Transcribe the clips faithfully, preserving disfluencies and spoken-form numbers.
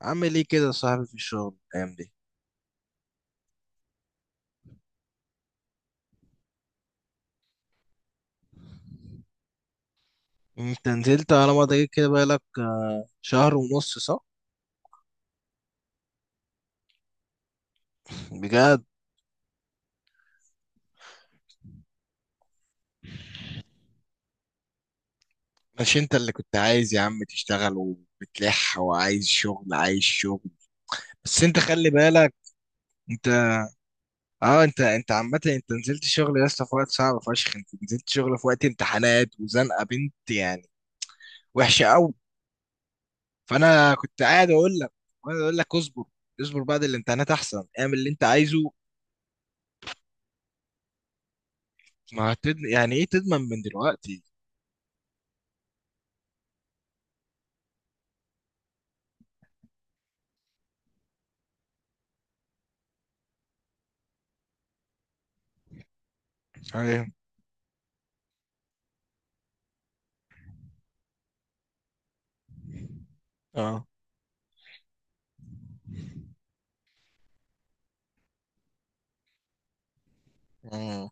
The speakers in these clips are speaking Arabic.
عامل ايه كده يا صاحبي في الشغل الايام دي؟ انت نزلت على ما تجيب كده بقالك آه، شهر ونص صح؟ بجد؟ مش انت اللي كنت عايز يا عم تشتغل وبتلح وعايز شغل عايز شغل؟ بس انت خلي بالك. انت، اه انت انت عامة انت نزلت شغل يا اسطى في وقت صعب فشخ، انت نزلت شغل في وقت امتحانات وزنقة بنت يعني وحشة قوي. فانا كنت قاعد اقول لك قاعد اقول لك اصبر، اصبر بعد الامتحانات، احسن اعمل اللي انت عايزه. ما هتد... يعني ايه تضمن من دلوقتي؟ ايوه. اه. مم.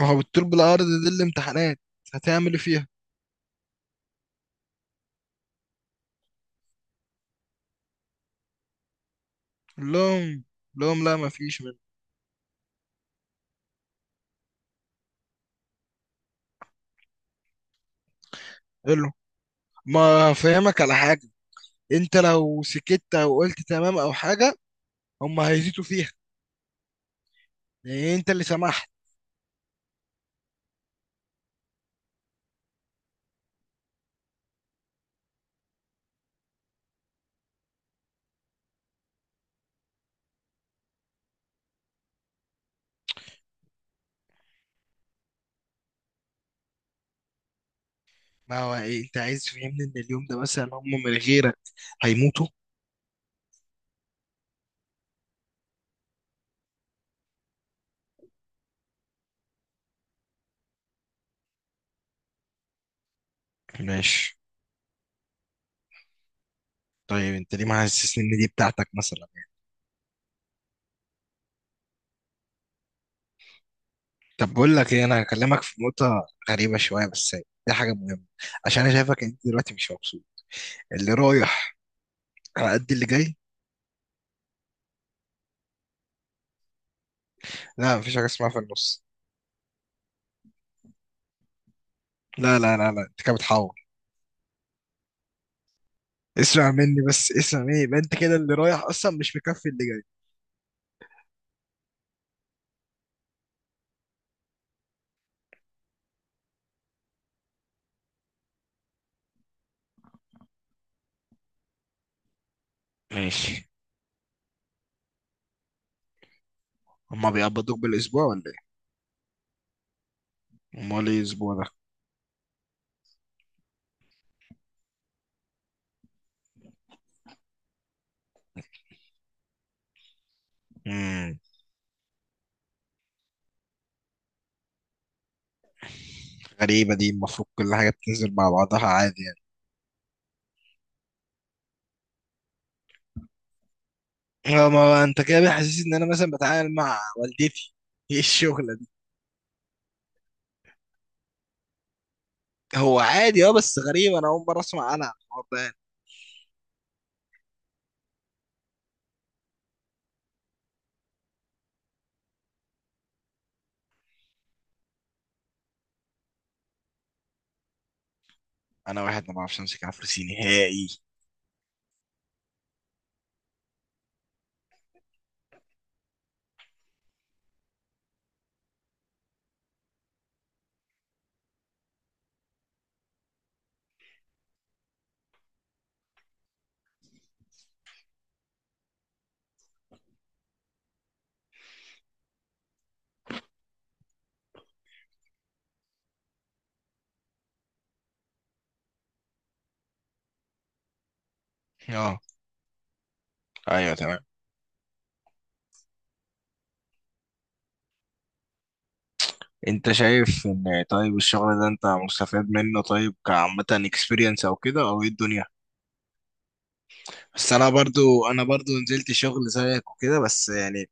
راحوا بالطول بالعرض دي الامتحانات، هتعمل ايه فيها؟ قال لهم قال لهم لا ما فيش منه. قال له ما فهمك على حاجة. انت لو سكت او قلت تمام او حاجة، هم هيزيدوا فيها، لان انت اللي سمحت. ما هو ايه، انت عايز تفهمني ان اليوم ده مثلا هم من غيرك هيموتوا؟ ماشي. طيب انت ليه ما حسسني ان دي بتاعتك مثلا؟ طب بقول لك ايه، انا هكلمك في نقطة غريبة شوية بس دي حاجة مهمة، عشان انا شايفك انت دلوقتي مش مبسوط. اللي رايح على قد اللي جاي. لا مفيش حاجة اسمها في النص. لا لا لا لا، انت كده بتحور. اسمع مني بس، اسمع مني. يبقى انت كده اللي رايح اصلا مش مكفي اللي جاي. ماشي. هما بيقبضوك بالاسبوع ولا ايه؟ امال ايه الاسبوع ده؟ امم. غريبة دي، المفروض كل حاجة بتنزل مع بعضها عادي يعني. اه ما هو انت كده بيحسسني ان انا مثلا بتعامل مع والدتي. ايه الشغلة دي؟ هو عادي اه بس غريب، انا اول مرة اسمع انا عن الحوار ده يعني. انا واحد ما بعرفش امسك عفرسي نهائي. اه. ايوه تمام. انت شايف ان، طيب الشغل ده انت مستفاد منه؟ طيب كعامة اكسبيرينس او كده، او ايه الدنيا؟ بس انا برضو، انا برضو نزلت شغل زيك وكده بس يعني،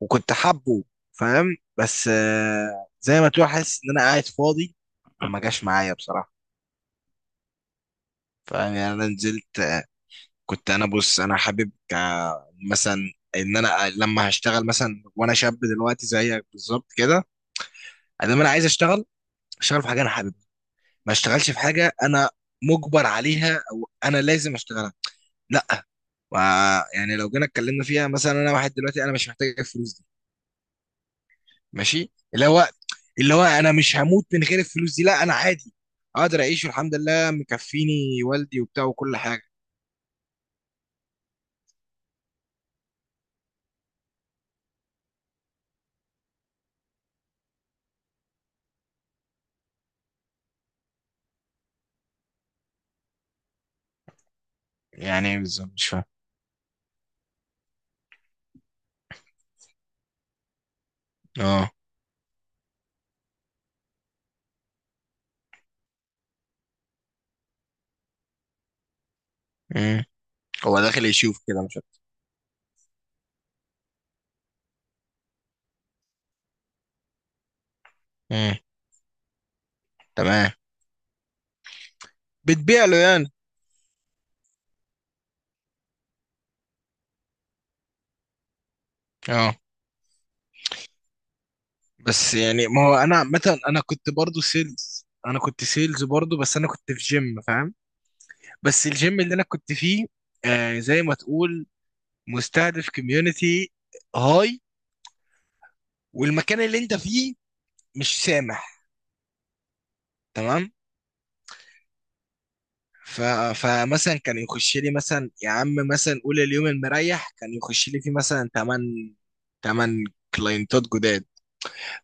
وكنت حابه، فاهم؟ بس آه، زي ما تقول حاسس ان انا قاعد فاضي، فما جاش معايا بصراحة. فاهم؟ يعني انا نزلت آه، كنت انا، بص انا حابب ك- مثلا ان انا لما هشتغل مثلا وانا شاب دلوقتي زيك بالظبط كده، ادام انا عايز اشتغل، اشتغل في حاجة انا حاببها. ما اشتغلش في حاجه انا مجبر عليها او انا لازم اشتغلها. لا. و- يعني لو جينا اتكلمنا فيها، مثلا انا واحد دلوقتي انا مش محتاج الفلوس دي. ماشي. اللي هو، اللي هو انا مش هموت من غير الفلوس دي. لا انا عادي، اقدر اعيش والحمد لله، مكفيني والدي وبتاع وكل حاجه. يعني ايه بالظبط مش فاهم. اه. مم. هو داخل يشوف كده مش عارف. مم. تمام. بتبيع له يعني. اه بس يعني ما هو انا مثلا، انا كنت برضو سيلز، انا كنت سيلز برضو بس انا كنت في جيم فاهم؟ بس الجيم اللي انا كنت فيه، آه زي ما تقول، مستهدف كوميونتي هاي، والمكان اللي انت فيه مش سامح. تمام. ف... فمثلا كان يخش لي مثلا يا عم، مثلا قول اليوم المريح كان يخش لي فيه مثلا 8 8 كلاينتات جداد.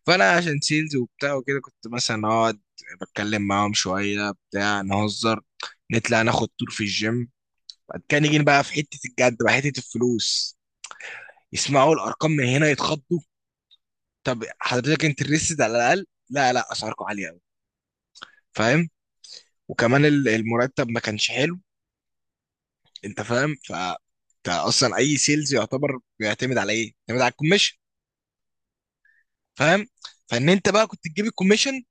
فانا عشان سيلز وبتاع وكده، كنت مثلا اقعد بتكلم معاهم شويه بتاع، نهزر، نطلع ناخد تور في الجيم، بعد كده نيجي بقى في حته الجد بقى، حته الفلوس. يسمعوا الارقام من هنا يتخضوا. طب حضرتك انت ريسد على الاقل؟ لا لا اسعاركم عاليه قوي. فاهم؟ وكمان ال- المرتب ما كانش حلو. انت فاهم؟ ف انت اصلا اي سيلز يعتبر بيعتمد على ايه؟ بيعتمد على الكوميشن. فاهم؟ فان انت بقى كنت تجيب الكوميشن،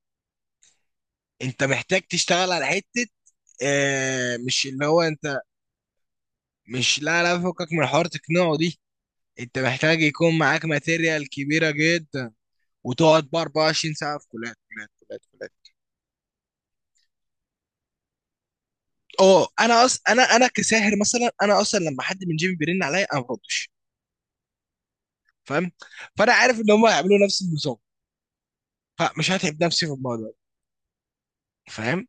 انت محتاج تشتغل على حته آه، مش اللي هو انت، مش لا لا فكك من حوار تقنعه دي. انت محتاج يكون معاك ماتيريال كبيره جدا، وتقعد بقى اربعة وعشرين ساعه في كليات كليات كليات. اه انا أص... انا انا كساهر مثلا، انا اصلا لما حد من جيبي بيرن عليا انا ما بردش. فاهم؟ فانا عارف ان هم هيعملوا نفس النظام، فمش هتعب نفسي في الموضوع ده. فاهم؟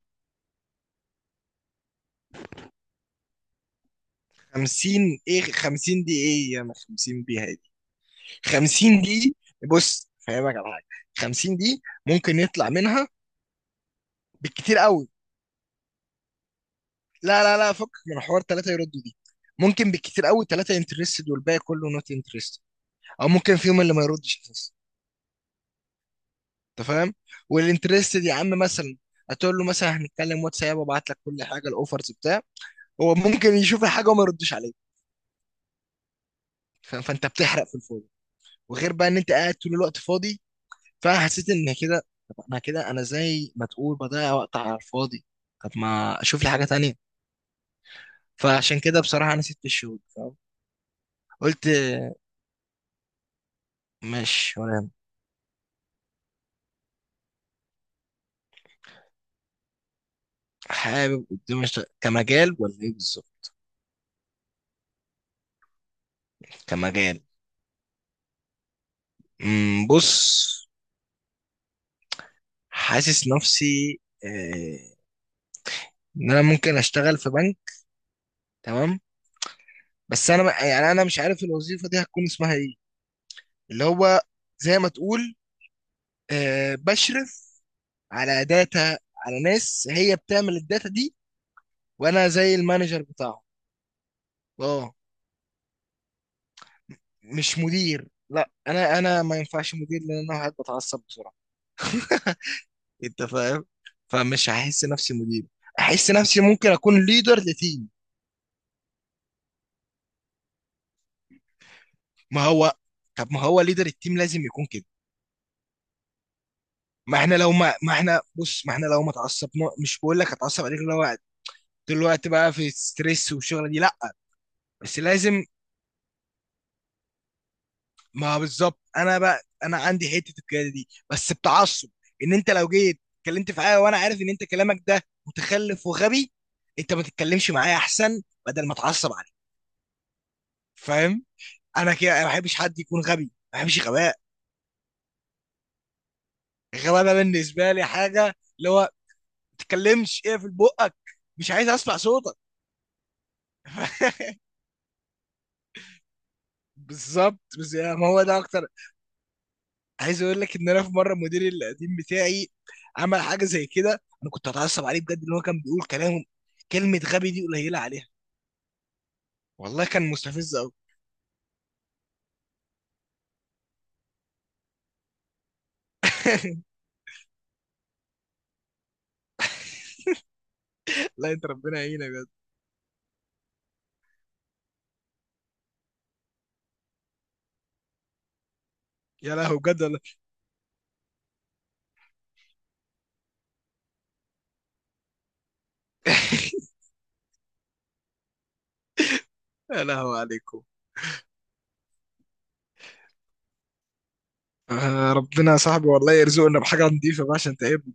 خمسين، ايه خمسين دي؟ ايه يا ما خمسين بيها دي؟ خمسين دي، بص فاهمك على حاجه. خمسين دي ممكن يطلع منها بالكتير قوي، لا لا لا فكك من حوار ثلاثه يردوا دي، ممكن بالكتير قوي ثلاثه انترستد والباقي كله نوت انترستد، او ممكن فيهم اللي ما يردش أساساً. انت فاهم؟ والانترستد يا عم مثلا هتقول له مثلا هنتكلم واتساب وابعت لك كل حاجه الاوفرز بتاع، هو ممكن يشوف الحاجه وما يردش عليك. ف- فانت بتحرق في الفاضي، وغير بقى ان انت قاعد طول الوقت فاضي. فانا حسيت ان كده، طب انا كده انا زي ما تقول بضيع وقت على الفاضي، طب ما اشوف لي حاجه تانية. فعشان كده بصراحه انا سبت الشغل. فاهم؟ قلت مش ولا يهمك. حابب قدام أشتغل- كمجال ولا ايه بالظبط؟ كمجال. امم، بص. حاسس نفسي آه، ان انا ممكن اشتغل في بنك. تمام. بس انا ما- يعني انا مش عارف الوظيفه دي هتكون اسمها ايه. اللي هو زي ما تقول، آه، بشرف على داتا، على ناس هي بتعمل الداتا دي، وانا زي المانجر بتاعه. اه. مش مدير، لا انا انا ما ينفعش مدير، لان انا واحد بتعصب بسرعه. انت فاهم؟ فمش هحس نفسي مدير، احس نفسي ممكن اكون ليدر لتيم. ما هو، طب ما هو ليدر التيم لازم يكون كده. ما احنا لو ما ما احنا، بص ما احنا لو ما اتعصبنا، مش بقول لك اتعصب عليك، اللي هو طول الوقت بقى في ستريس والشغله دي لا. بس لازم. ما بالظبط انا بقى انا عندي حته القياده دي بس بتعصب. ان انت لو جيت اتكلمت في حاجه وانا عارف ان انت كلامك ده متخلف وغبي، انت ما تتكلمش معايا احسن، بدل ما اتعصب عليك. فاهم؟ انا كده، أنا ما بحبش حد يكون غبي، ما بحبش غباء. الغباء ده بالنسبه لي حاجه اللي هو ما تتكلمش ايه في بقك، مش عايز اسمع صوتك. بالظبط. بس يعني ما هو ده اكتر. عايز اقول لك ان انا في مره مديري القديم بتاعي عمل حاجه زي كده، انا كنت اتعصب عليه بجد، ان هو كان بيقول كلام، كلمه غبي دي قليله عليها. والله كان مستفز قوي. لا انت ربنا يعينك بجد. يا لهو بجد والله. يا لهو عليكم. آه، ربنا يا صاحبي والله يرزقنا بحاجه نضيفه بقى عشان تعبنا.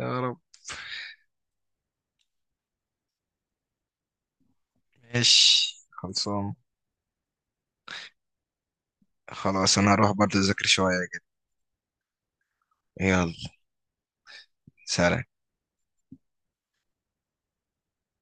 يا رب. ماشي خلصان. خلاص انا هروح برضه اذاكر شويه كده. يلا. سلام.